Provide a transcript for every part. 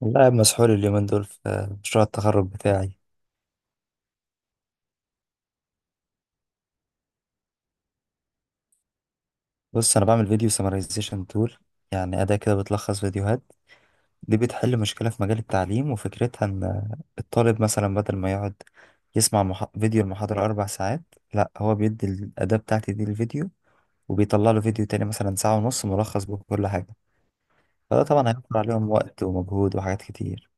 والله قاعد مسحول اليومين دول في مشروع التخرج بتاعي. بص، انا بعمل فيديو سمرايزيشن تول. يعني اداة كده بتلخص فيديوهات. دي بتحل مشكلة في مجال التعليم، وفكرتها ان الطالب مثلا بدل ما يقعد يسمع فيديو المحاضرة اربع ساعات، لا هو بيدي الاداة بتاعتي دي الفيديو وبيطلع له فيديو تاني مثلا ساعة ونص ملخص بكل حاجة. فده طبعا هيوفر عليهم وقت ومجهود وحاجات كتير.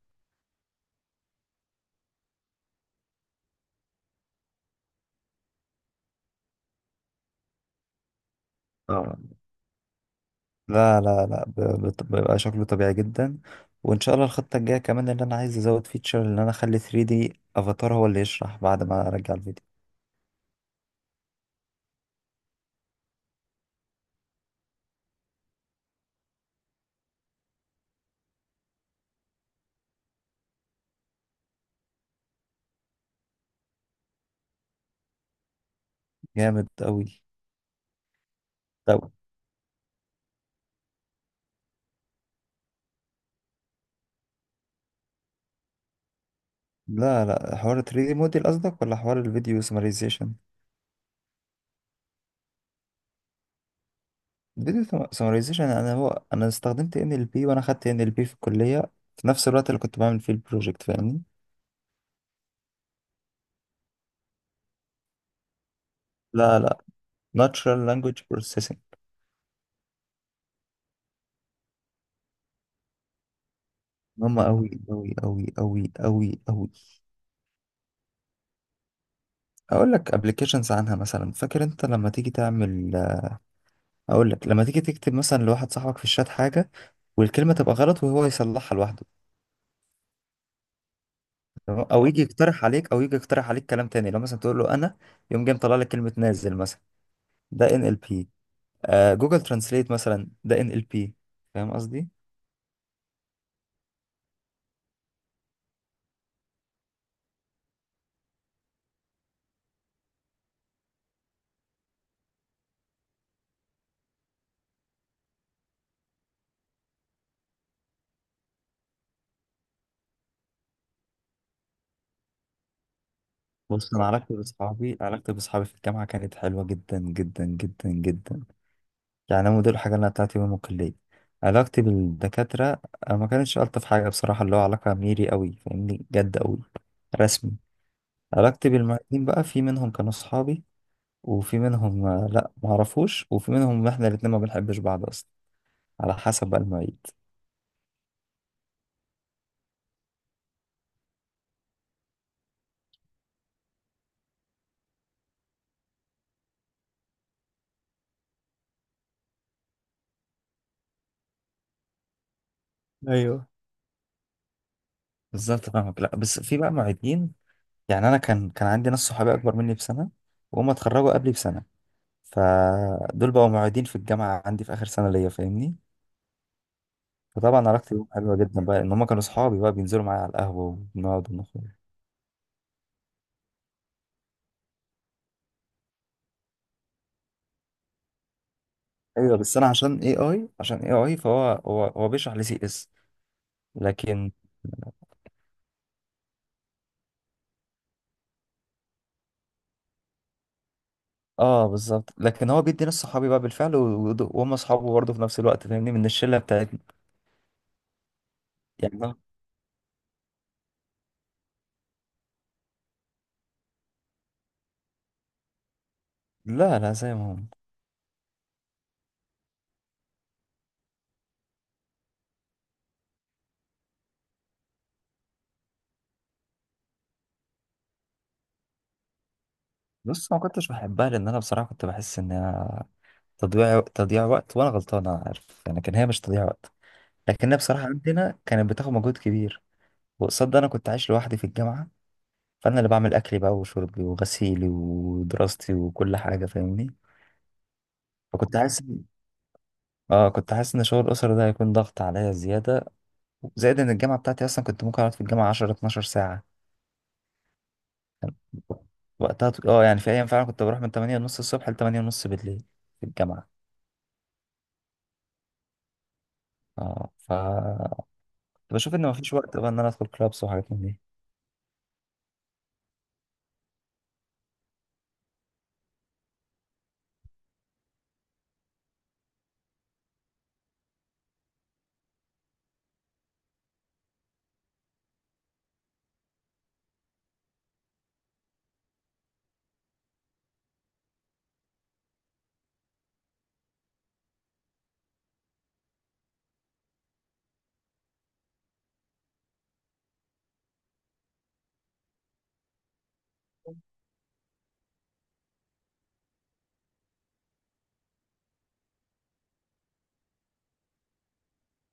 اه، لا لا لا، بيبقى شكله طبيعي جدا. وان شاء الله الخطة الجاية كمان اللي انا عايز ازود فيتشر، ان انا اخلي 3D افاتار هو اللي يشرح بعد ما ارجع الفيديو. جامد قوي. طب لا لا، حوار 3D موديل قصدك ولا حوار الفيديو سمرايزيشن؟ الفيديو سمرايزيشن. انا استخدمت NLP، وانا خدت NLP في الكلية في نفس الوقت اللي كنت بعمل فيه البروجكت، فاهمني؟ لا لا، natural language processing. هم قوي قوي قوي قوي قوي قوي. اقول لك ابلكيشنز عنها، مثلا فاكر انت لما تيجي تعمل، اقول لك لما تيجي تكتب مثلا لواحد صاحبك في الشات حاجه والكلمه تبقى غلط وهو يصلحها لوحده. تمام؟ او يجي يقترح عليك، او يجي يقترح عليك كلام تاني، لو مثلا تقول له انا، يقوم جاي مطلع لك كلمه نازل مثلا. ده NLP. جوجل ترانسليت مثلا ده ان ال بي. فاهم قصدي؟ بص، انا علاقتي باصحابي، علاقتي باصحابي في الجامعه كانت حلوه جدا جدا جدا جدا. يعني هم دول الحاجة اللي أنا بتاعتي يوم الكلية. علاقتي بالدكاترة، ما كانتش ألطف حاجة بصراحة، اللي هو علاقة ميري قوي، فاهمني؟ جد قوي رسمي. علاقتي بالمعيدين بقى، في منهم كانوا صحابي، وفي منهم لأ، معرفوش، وفي منهم إحنا الاتنين ما بنحبش بعض أصلا، على حسب بقى المعيد. ايوه، بالظبط فاهمك. لأ، بس في بقى معيدين، يعني أنا كان عندي ناس صحابي أكبر مني بسنة، وهم اتخرجوا قبلي بسنة، فدول بقوا معيدين في الجامعة عندي في آخر سنة ليا، فاهمني؟ فطبعا علاقتي بيهم حلوه جدا بقى، ان هم كانوا صحابي بقى، بينزلوا معايا على القهوه وبنقعد ونخرج. ايوه، بس انا عشان اي اي عشان اي اي فهو هو هو بيشرح لي CS، لكن. اه، بالظبط. لكن هو بيدي ناس صحابي بقى بالفعل، وهم صحابه برضه في نفس الوقت، فاهمني؟ من الشله بتاعتنا. يعني أنا- لا لا، زي ما هم. بص، ما كنتش بحبها لان انا بصراحه كنت بحس ان هي تضييع وقت، وانا غلطان انا عارف، يعني كان هي مش تضييع وقت. لكن هي بصراحه عندنا كانت بتاخد مجهود كبير، وقصاد ده انا كنت عايش لوحدي في الجامعه، فانا اللي بعمل اكلي بقى وشربي وغسيلي ودراستي وكل حاجه، فاهمني؟ فكنت حاسس إن- اه كنت حاسس ان شغل الاسره ده هيكون ضغط عليا زياده. زائد ان الجامعه بتاعتي اصلا كنت ممكن اقعد في الجامعه 10 12 ساعه وقتها. يعني في ايام فعلا كنت بروح من 8 ونص الصبح ل 8 ونص بالليل في الجامعه. اه ف كنت بشوف ان مفيش وقت بقى ان انا ادخل كلابس وحاجات من دي.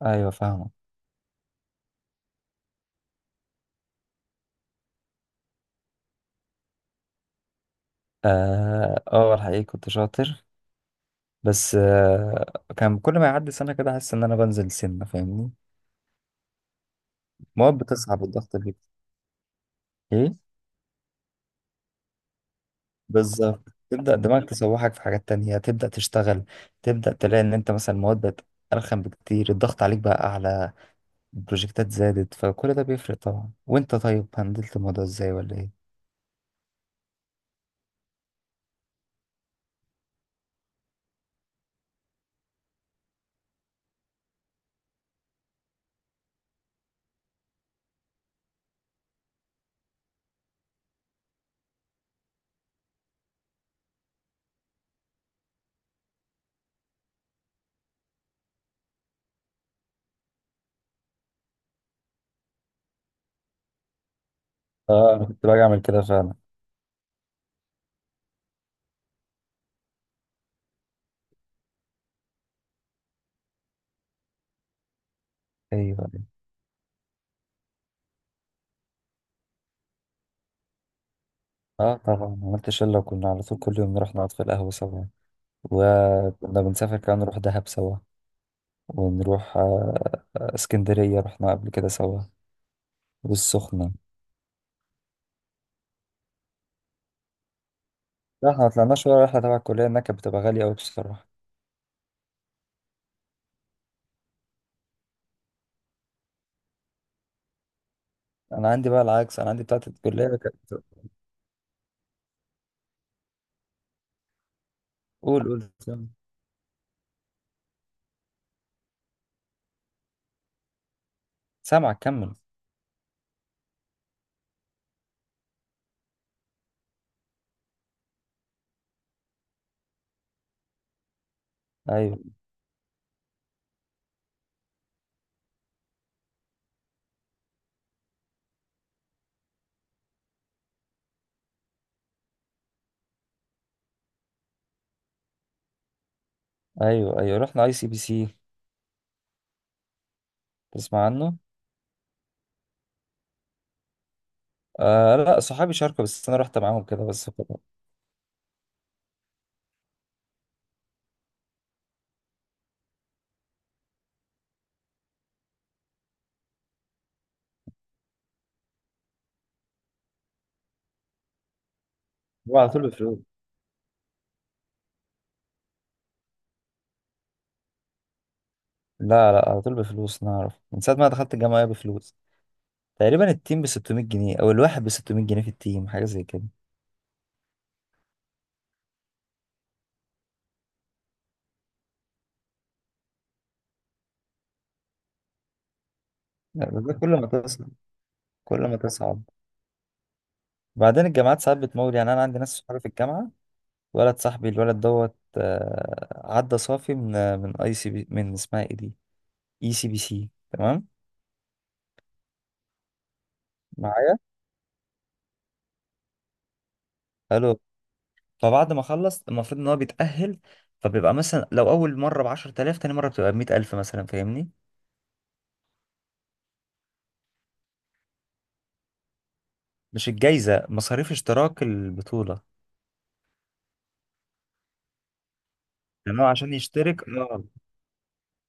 ايوه، فاهمه. اه، الحقيقه كنت شاطر، بس كان كل ما يعدي سنه كده احس ان انا بنزل سنه، فاهمني؟ المواد بتصعب والضغط. ايه. بالظبط. تبدأ دماغك تسوحك في حاجات تانية، تبدأ تشتغل، تبدأ تلاقي إن أنت مثلا المواد بقت أرخم بكتير، الضغط عليك بقى أعلى، البروجكتات زادت، فكل ده بيفرق طبعا. وأنت، طيب هندلت الموضوع إزاي ولا إيه؟ آه، أنا كنت باجي أعمل كده فعلا. أيوه، أيوه. آه، طبعا عملت شلة، وكنا على طول كل يوم نروح نقعد في القهوة سوا، وكنا بنسافر كمان، نروح دهب سوا، ونروح اسكندرية، رحنا قبل كده سوا، والسخنة. لا، احنا مطلعناش ولا رحلة تبع الكلية، إنها كانت بتبقى غالية أوي بصراحة. انا عندي بقى العكس، انا عندي بتاعت الكليه كانت. قول قول، سامع. سامعك، كمل. ايوه ايوه ايوه، رحنا ICPC. تسمع عنه؟ آه لا، صحابي شاركوا بس انا رحت معاهم كده بس فقط. هو على طول بفلوس. لا لا، على طول بفلوس، انا اعرف من ساعه ما دخلت الجامعه هي بفلوس. تقريبا التيم ب 600 جنيه، او الواحد ب 600 جنيه في التيم، حاجه زي كده. يعني ده كل ما تصعب كل ما تصعب. بعدين الجامعات ساعات بتمول. يعني انا عندي ناس صحابي في الجامعه، ولد صاحبي، الولد دوت عدى صافي من من ICP، من اسمها ايه دي؟ ICPC، تمام. معايا. حلو. فبعد ما اخلص المفروض ان هو بيتأهل، فبيبقى مثلا لو اول مره ب 10,000، تاني مره بتبقى ب 100,000 مثلا، فاهمني؟ مش الجايزه، مصاريف اشتراك البطوله. يعني هو عشان يشترك، اه.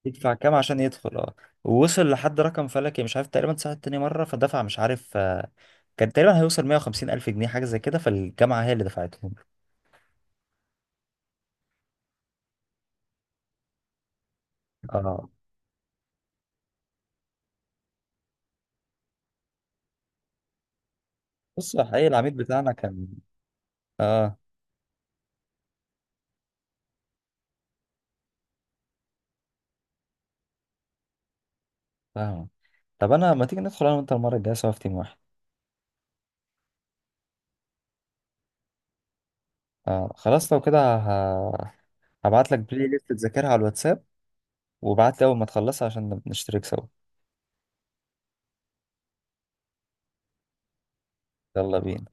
يدفع كام عشان يدخل، اه. ووصل لحد رقم فلكي مش عارف، تقريبا ساعة تاني مره فدفع، مش عارف، كان تقريبا هيوصل 150,000 جنيه حاجه زي كده، فالجامعه هي اللي دفعتهم. اه. بص، الحقيقه العميد بتاعنا كان. اه. فاهم. طب انا، ما تيجي ندخل انا وانت المره الجايه سوا في تيم واحد؟ آه، خلاص لو كده هبعت لك بلاي ليست تذاكرها على الواتساب، وبعت لي اول ما تخلصها عشان نشترك سوا. يلا بينا.